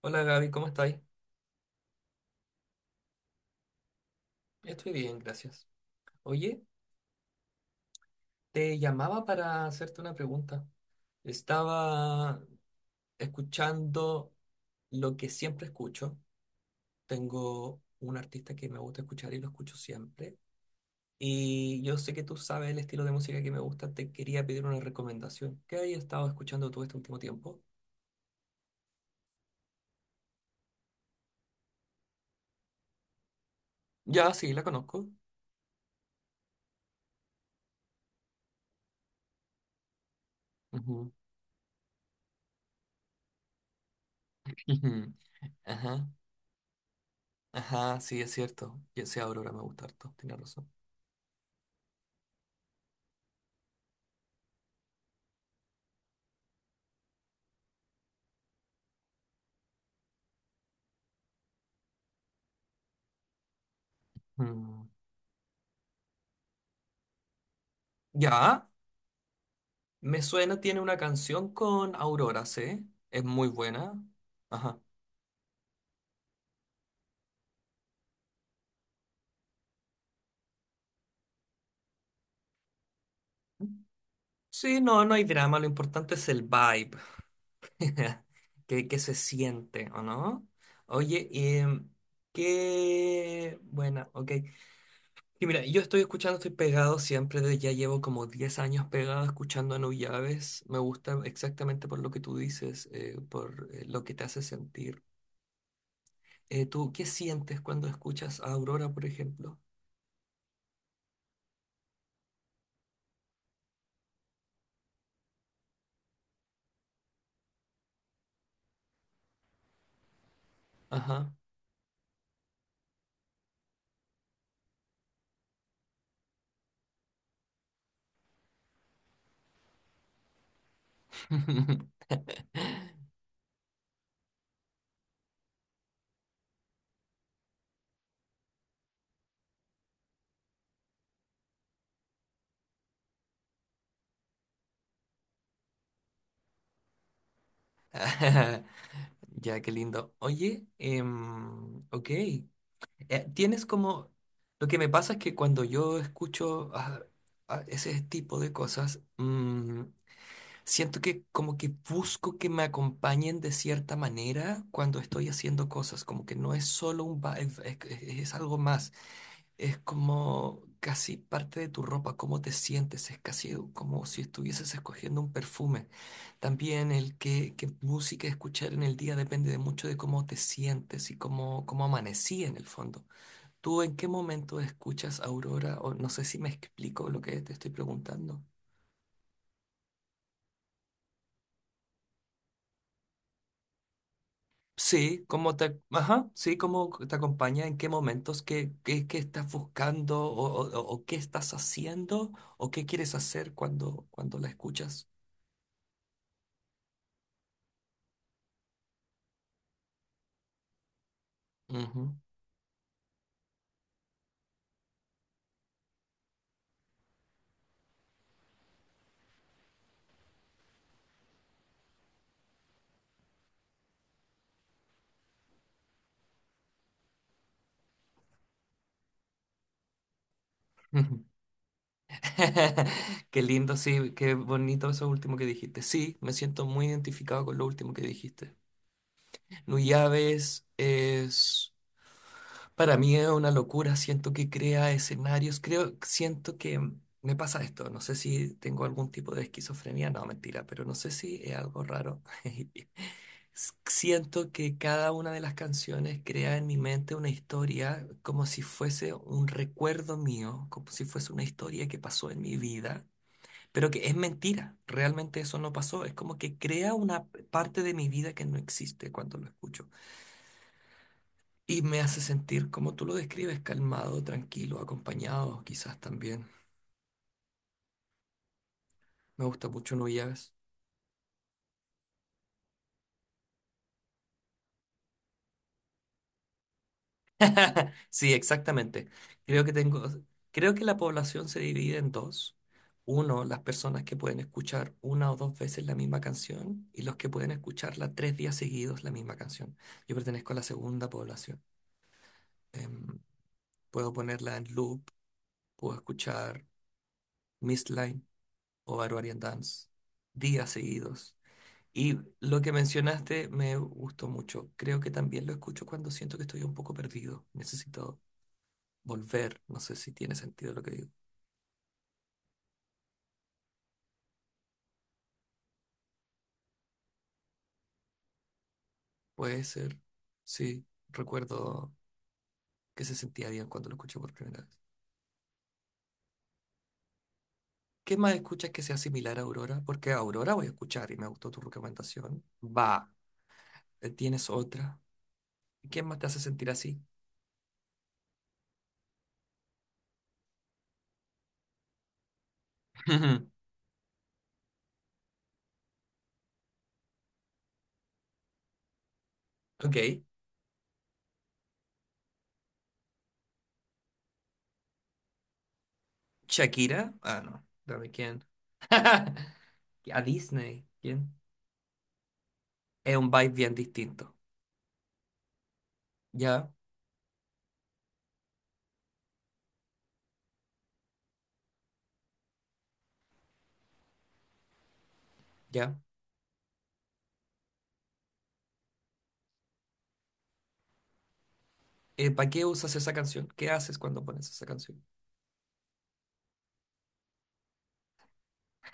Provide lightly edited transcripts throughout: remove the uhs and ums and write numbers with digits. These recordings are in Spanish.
Hola Gaby, ¿cómo estáis? Estoy bien, gracias. Oye, te llamaba para hacerte una pregunta. Estaba escuchando lo que siempre escucho. Tengo un artista que me gusta escuchar y lo escucho siempre. Y yo sé que tú sabes el estilo de música que me gusta. Te quería pedir una recomendación. ¿Qué has estado escuchando tú este último tiempo? Ya, sí, la conozco. Ujú. Ujú. Ajá, ajá, sí, es cierto. Ya sé, Aurora me gusta harto, tienes razón. Mm. ¿Ya? Me suena, tiene una canción con Aurora, ¿sí? Es muy buena. Ajá. Sí, no, no hay drama, lo importante es el vibe, que se siente, ¿o no? Oye, qué buena, ok. Y mira, yo estoy escuchando, estoy pegado siempre, ya llevo como 10 años pegado escuchando a No me gusta exactamente por lo que tú dices, por lo que te hace sentir. ¿Tú qué sientes cuando escuchas a Aurora, por ejemplo? Ajá. Ya, qué lindo. Oye, ok. Tienes como... Lo que me pasa es que cuando yo escucho ese tipo de cosas, siento que como que busco que me acompañen de cierta manera cuando estoy haciendo cosas, como que no es solo un vibe, es algo más. Es como casi parte de tu ropa, cómo te sientes, es casi como si estuvieses escogiendo un perfume. También qué música escuchar en el día depende de mucho de cómo te sientes y cómo amanecí en el fondo. ¿Tú en qué momento escuchas Aurora? O no sé si me explico lo que te estoy preguntando. Sí, cómo te acompaña, en qué momentos, qué estás buscando o qué estás haciendo o qué quieres hacer cuando la escuchas. Ujú. Qué lindo, sí, qué bonito eso último que dijiste. Sí, me siento muy identificado con lo último que dijiste. Nuyaves es, para mí es una locura, siento que crea escenarios, creo, siento que me pasa esto, no sé si tengo algún tipo de esquizofrenia, no, mentira, pero no sé si es algo raro. Siento que cada una de las canciones crea en mi mente una historia como si fuese un recuerdo mío, como si fuese una historia que pasó en mi vida. Pero que es mentira, realmente eso no pasó. Es como que crea una parte de mi vida que no existe cuando lo escucho. Y me hace sentir, como tú lo describes, calmado, tranquilo, acompañado, quizás también. Me gusta mucho No Llaves. Sí, exactamente. Creo que tengo, creo que la población se divide en dos. Uno, las personas que pueden escuchar una o dos veces la misma canción y los que pueden escucharla 3 días seguidos la misma canción. Yo pertenezco a la segunda población. Em, puedo ponerla en loop, puedo escuchar Miss Line o Barbarian Dance días seguidos. Y lo que mencionaste me gustó mucho. Creo que también lo escucho cuando siento que estoy un poco perdido. Necesito volver. No sé si tiene sentido lo que digo. Puede ser. Sí, recuerdo que se sentía bien cuando lo escuché por primera vez. ¿Qué más escuchas que sea similar a Aurora? Porque a Aurora voy a escuchar y me gustó tu recomendación. Va, tienes otra. ¿Quién más te hace sentir así? Ok. Shakira. Ah, no. Dame quién. A Disney. ¿Quién? Es un vibe bien distinto. Ya, ya. ¿Para qué usas esa canción? ¿Qué haces cuando pones esa canción?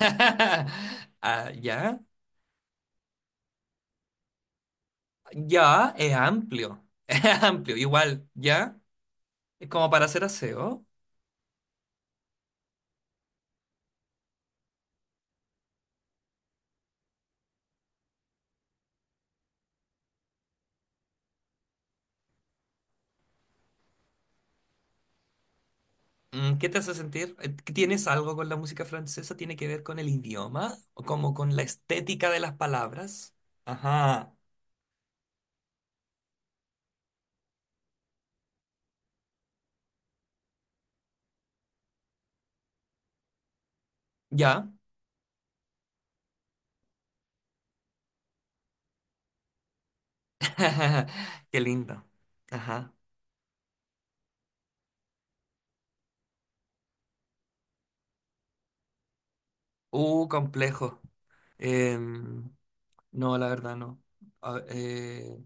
Ah, ya. Ya, es amplio. Es amplio, igual. Ya. Es como para hacer aseo. Mm, ¿qué te hace sentir? ¿Tienes algo con la música francesa? ¿Tiene que ver con el idioma? ¿O como con la estética de las palabras? Ajá. Ya. Qué lindo. Ajá. Complejo. Em, no, la verdad no. A- eh,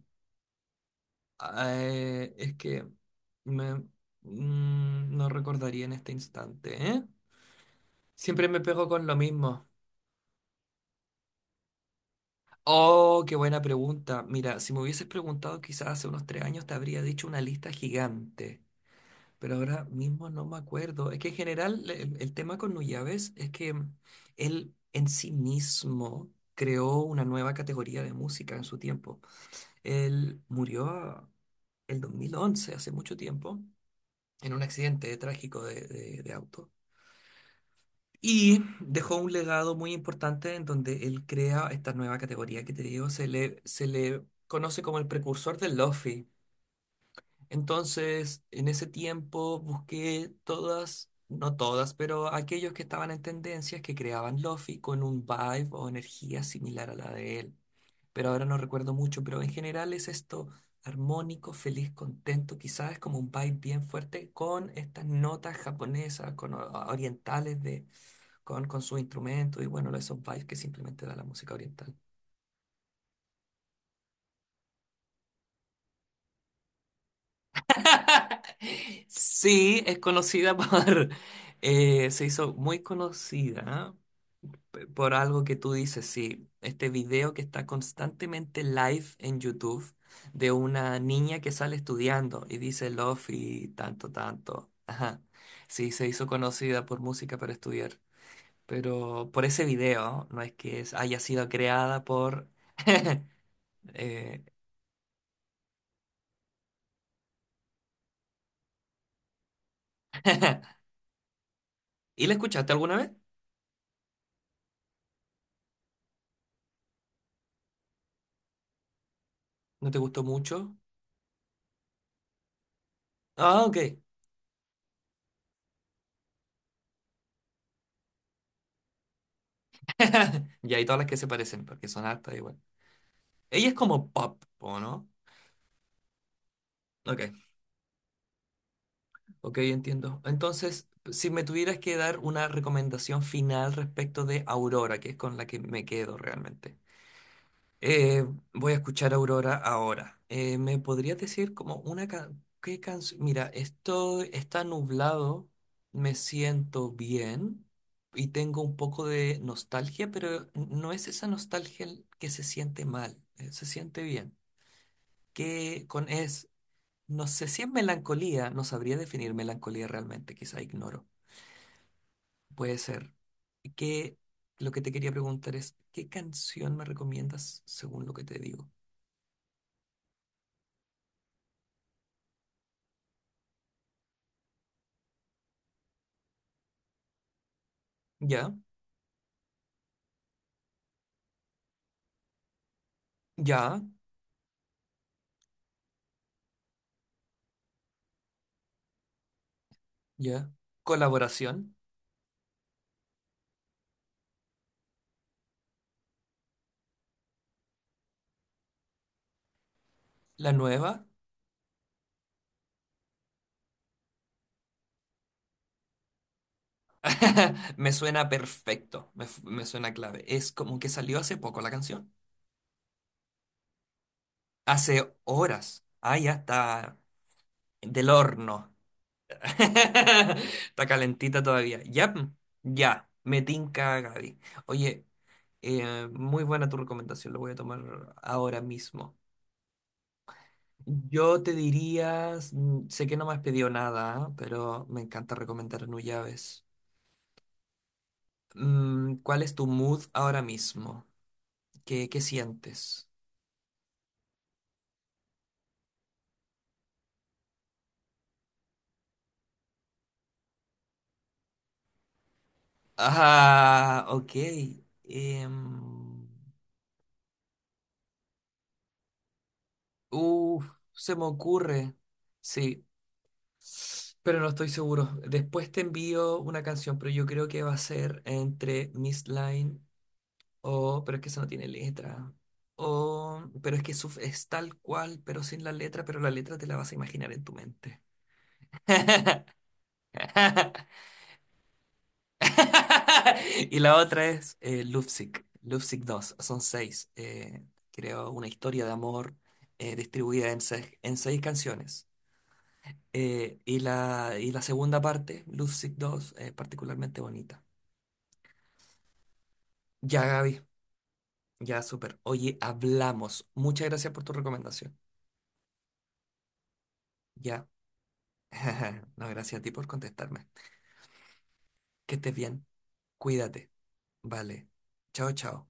es que me, no recordaría en este instante, ¿eh? Siempre me pego con lo mismo. Oh, qué buena pregunta. Mira, si me hubieses preguntado quizás hace unos 3 años te habría dicho una lista gigante, pero ahora mismo no me acuerdo. Es que en general el tema con Nuyaves es que él en sí mismo creó una nueva categoría de música en su tiempo. Él murió el 2011, hace mucho tiempo, en un accidente trágico de auto. Y dejó un legado muy importante en donde él crea esta nueva categoría que te digo, se le conoce como el precursor del lofi. Entonces, en ese tiempo busqué todas, no todas, pero aquellos que estaban en tendencias que creaban lofi con un vibe o energía similar a la de él. Pero ahora no recuerdo mucho, pero en general es esto armónico, feliz, contento, quizás es como un vibe bien fuerte con estas notas japonesas, con orientales de, con su instrumento y bueno, esos vibes que simplemente da la música oriental. Sí, es conocida por... se hizo muy conocida por algo que tú dices, sí. Este video que está constantemente live en YouTube de una niña que sale estudiando y dice love y tanto, tanto. Ajá. Sí, se hizo conocida por música para estudiar. Pero por ese video, no es que haya sido creada por... eh, ¿Y la escuchaste alguna vez? ¿No te gustó mucho? Ah, ok. Y hay todas las que se parecen, porque son hartas igual. Ella es como pop, ¿o no? Ok, ok, entiendo. Entonces, si me tuvieras que dar una recomendación final respecto de Aurora, que es con la que me quedo realmente. Eh, voy a escuchar Aurora ahora. ¿Me podrías decir como una qué canción? Mira, esto está nublado, me siento bien y tengo un poco de nostalgia, pero no es esa nostalgia que se siente mal, se siente bien. que con es, no sé si es melancolía, no sabría definir melancolía realmente, quizá ignoro. Puede ser. Que lo que te quería preguntar es, ¿qué canción me recomiendas según lo que te digo? Ya, ya, ya. Colaboración, la nueva. Me suena perfecto, me suena clave. Es como que salió hace poco la canción. Hace horas. Ah, ya está del horno. Está calentita todavía. Ya, ya, me tinca, Gaby. Oye, muy buena tu recomendación, lo voy a tomar ahora mismo. Yo te diría, sé que no me has pedido nada, ¿ah? Pero me encanta recomendar Nuyaves. Mm, ¿cuál es tu mood ahora mismo? ¿Qué sientes? Ah, ok. Em, uf, se me ocurre. Sí. Pero no estoy seguro. Después te envío una canción, pero yo creo que va a ser entre Miss Line o... Pero es que eso no tiene letra. O... Pero es que es tal cual, pero sin la letra, pero la letra te la vas a imaginar en tu mente. Y la otra es Lovesick. Lovesick 2. Son seis. Creo una historia de amor distribuida en seis canciones. Y y la segunda parte, Love Sick 2, es particularmente bonita. Ya, Gaby, ya, súper. Oye, hablamos. Muchas gracias por tu recomendación. Ya. No, gracias a ti por contestarme. Que estés bien. Cuídate. Vale. Chao, chao.